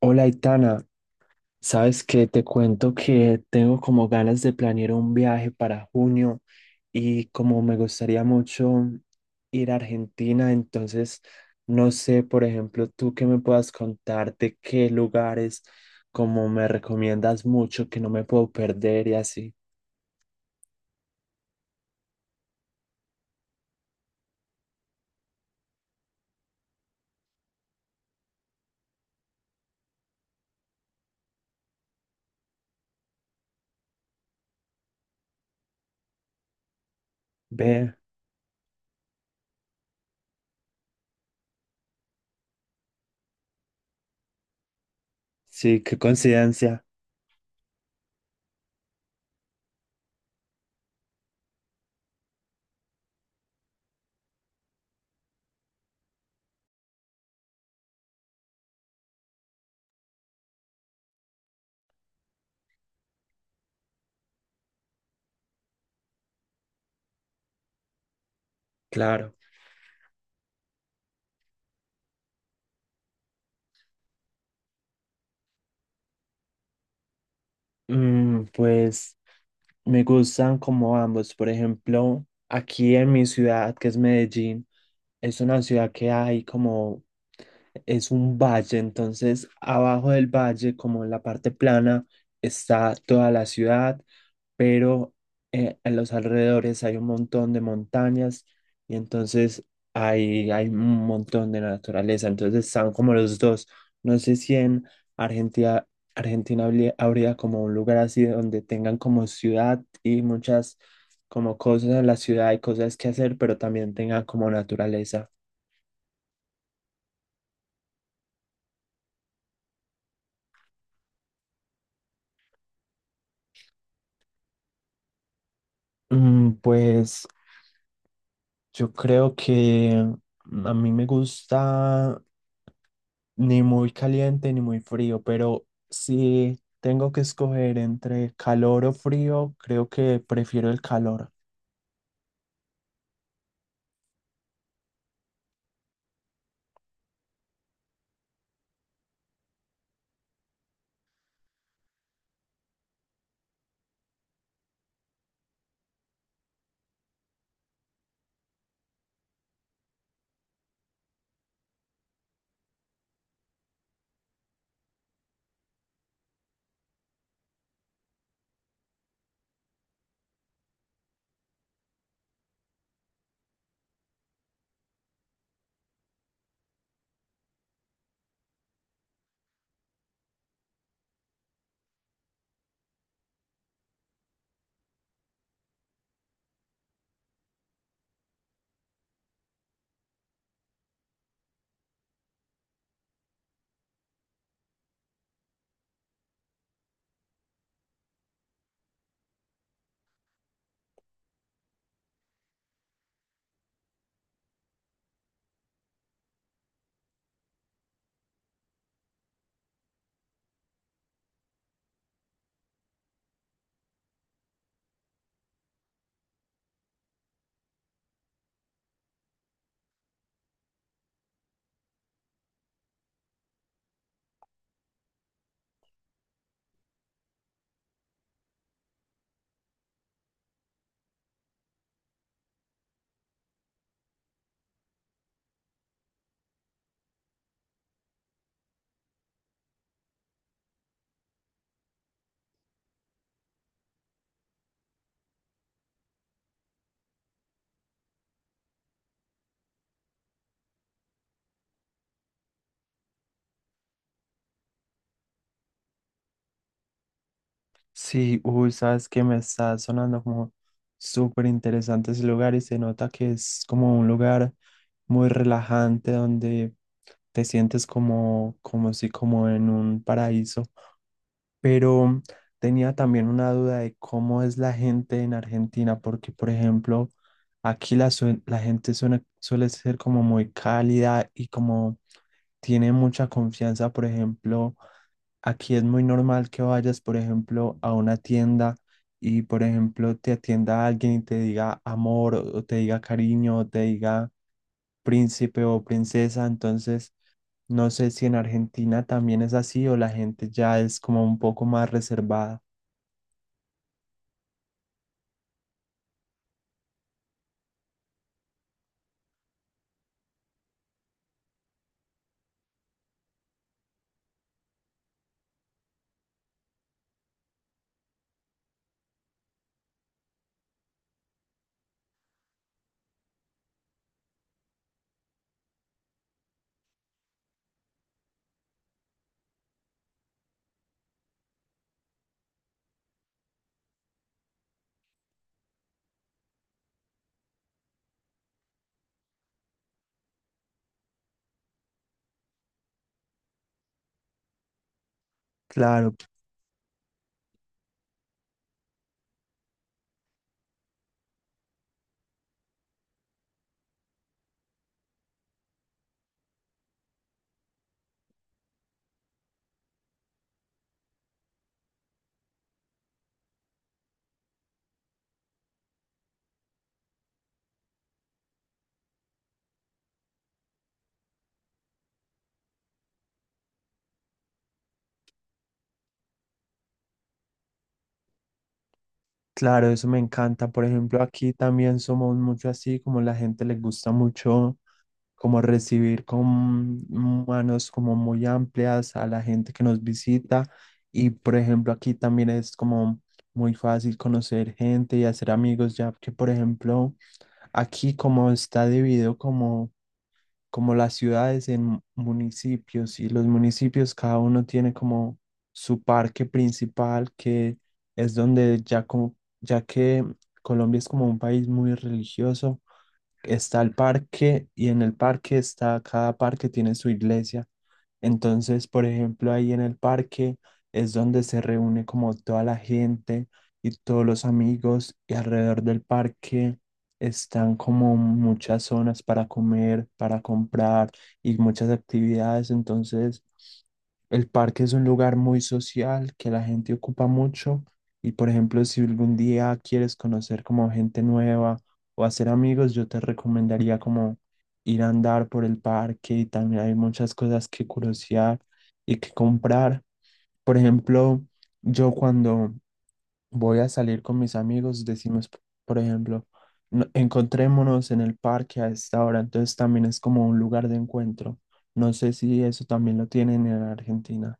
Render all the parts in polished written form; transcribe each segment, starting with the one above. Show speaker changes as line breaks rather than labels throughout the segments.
Hola, Itana. Sabes que te cuento que tengo como ganas de planear un viaje para junio y como me gustaría mucho ir a Argentina, entonces no sé, por ejemplo, tú que me puedas contar de qué lugares como me recomiendas mucho que no me puedo perder y así. Ve, sí, qué coincidencia. Claro. Pues me gustan como ambos. Por ejemplo, aquí en mi ciudad, que es Medellín. Es una ciudad que hay como, es un valle, entonces abajo del valle, como en la parte plana, está toda la ciudad, pero en los alrededores hay un montón de montañas y entonces hay un montón de naturaleza, entonces están como los dos. No sé si en Argentina, Argentina habría como un lugar así donde tengan como ciudad y muchas como cosas en la ciudad y cosas que hacer, pero también tengan como naturaleza. Pues yo creo que a mí me gusta ni muy caliente ni muy frío, pero si tengo que escoger entre calor o frío, creo que prefiero el calor. Sí, uy, sabes que me está sonando como súper interesante ese lugar y se nota que es como un lugar muy relajante donde te sientes como, como si como en un paraíso. Pero tenía también una duda de cómo es la gente en Argentina, porque por ejemplo, aquí la gente suele ser como muy cálida y como tiene mucha confianza, por ejemplo, aquí es muy normal que vayas, por ejemplo, a una tienda y, por ejemplo, te atienda alguien y te diga amor o te diga cariño o te diga príncipe o princesa, entonces. No sé si en Argentina también es así o la gente ya es como un poco más reservada. Claro, claro, eso me encanta. Por ejemplo, aquí también somos mucho así, como la gente le gusta mucho como recibir con manos como muy amplias a la gente que nos visita. Y por ejemplo, aquí también es como muy fácil conocer gente y hacer amigos, ya que por ejemplo, aquí como está dividido como las ciudades en municipios y los municipios cada uno tiene como su parque principal que es donde ya como ya que Colombia es como un país muy religioso, está el parque y en el parque está cada parque tiene su iglesia. Entonces, por ejemplo, ahí en el parque es donde se reúne como toda la gente y todos los amigos y alrededor del parque están como muchas zonas para comer, para comprar y muchas actividades. Entonces, el parque es un lugar muy social que la gente ocupa mucho y, por ejemplo, si algún día quieres conocer como gente nueva o hacer amigos, yo te recomendaría como ir a andar por el parque y también hay muchas cosas que curiosear y que comprar. Por ejemplo, yo cuando voy a salir con mis amigos, decimos, por ejemplo, encontrémonos en el parque a esta hora", entonces también es como un lugar de encuentro. No sé si eso también lo tienen en Argentina.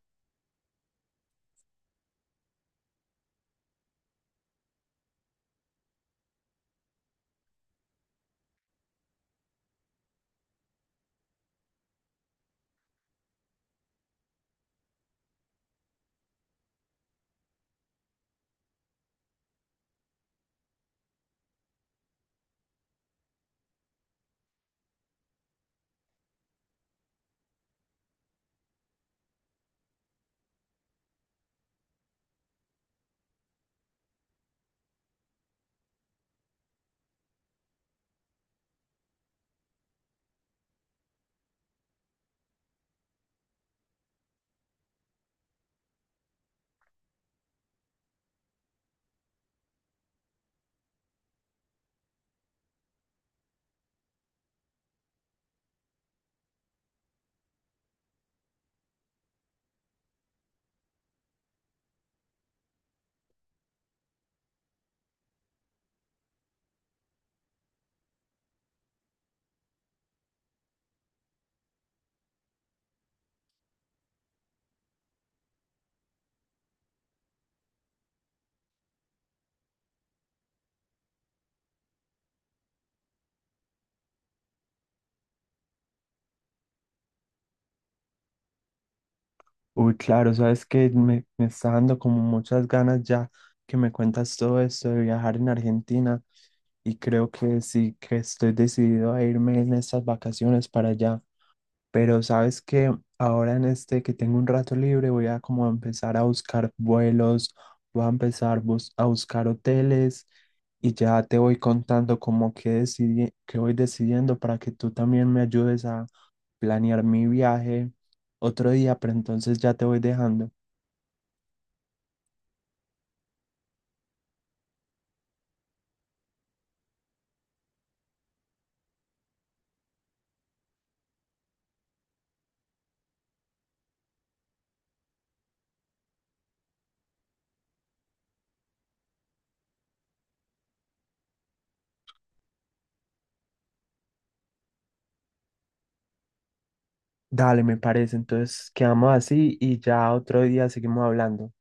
Uy, claro, sabes que me está dando como muchas ganas ya que me cuentas todo esto de viajar en Argentina. Y creo que sí que estoy decidido a irme en estas vacaciones para allá. Pero sabes que ahora en este que tengo un rato libre voy a como empezar a buscar vuelos, voy a empezar a buscar hoteles y ya te voy contando como que decidí, que voy decidiendo para que tú también me ayudes a planear mi viaje otro día, pero entonces ya te voy dejando. Dale, me parece. Entonces quedamos así y ya otro día seguimos hablando.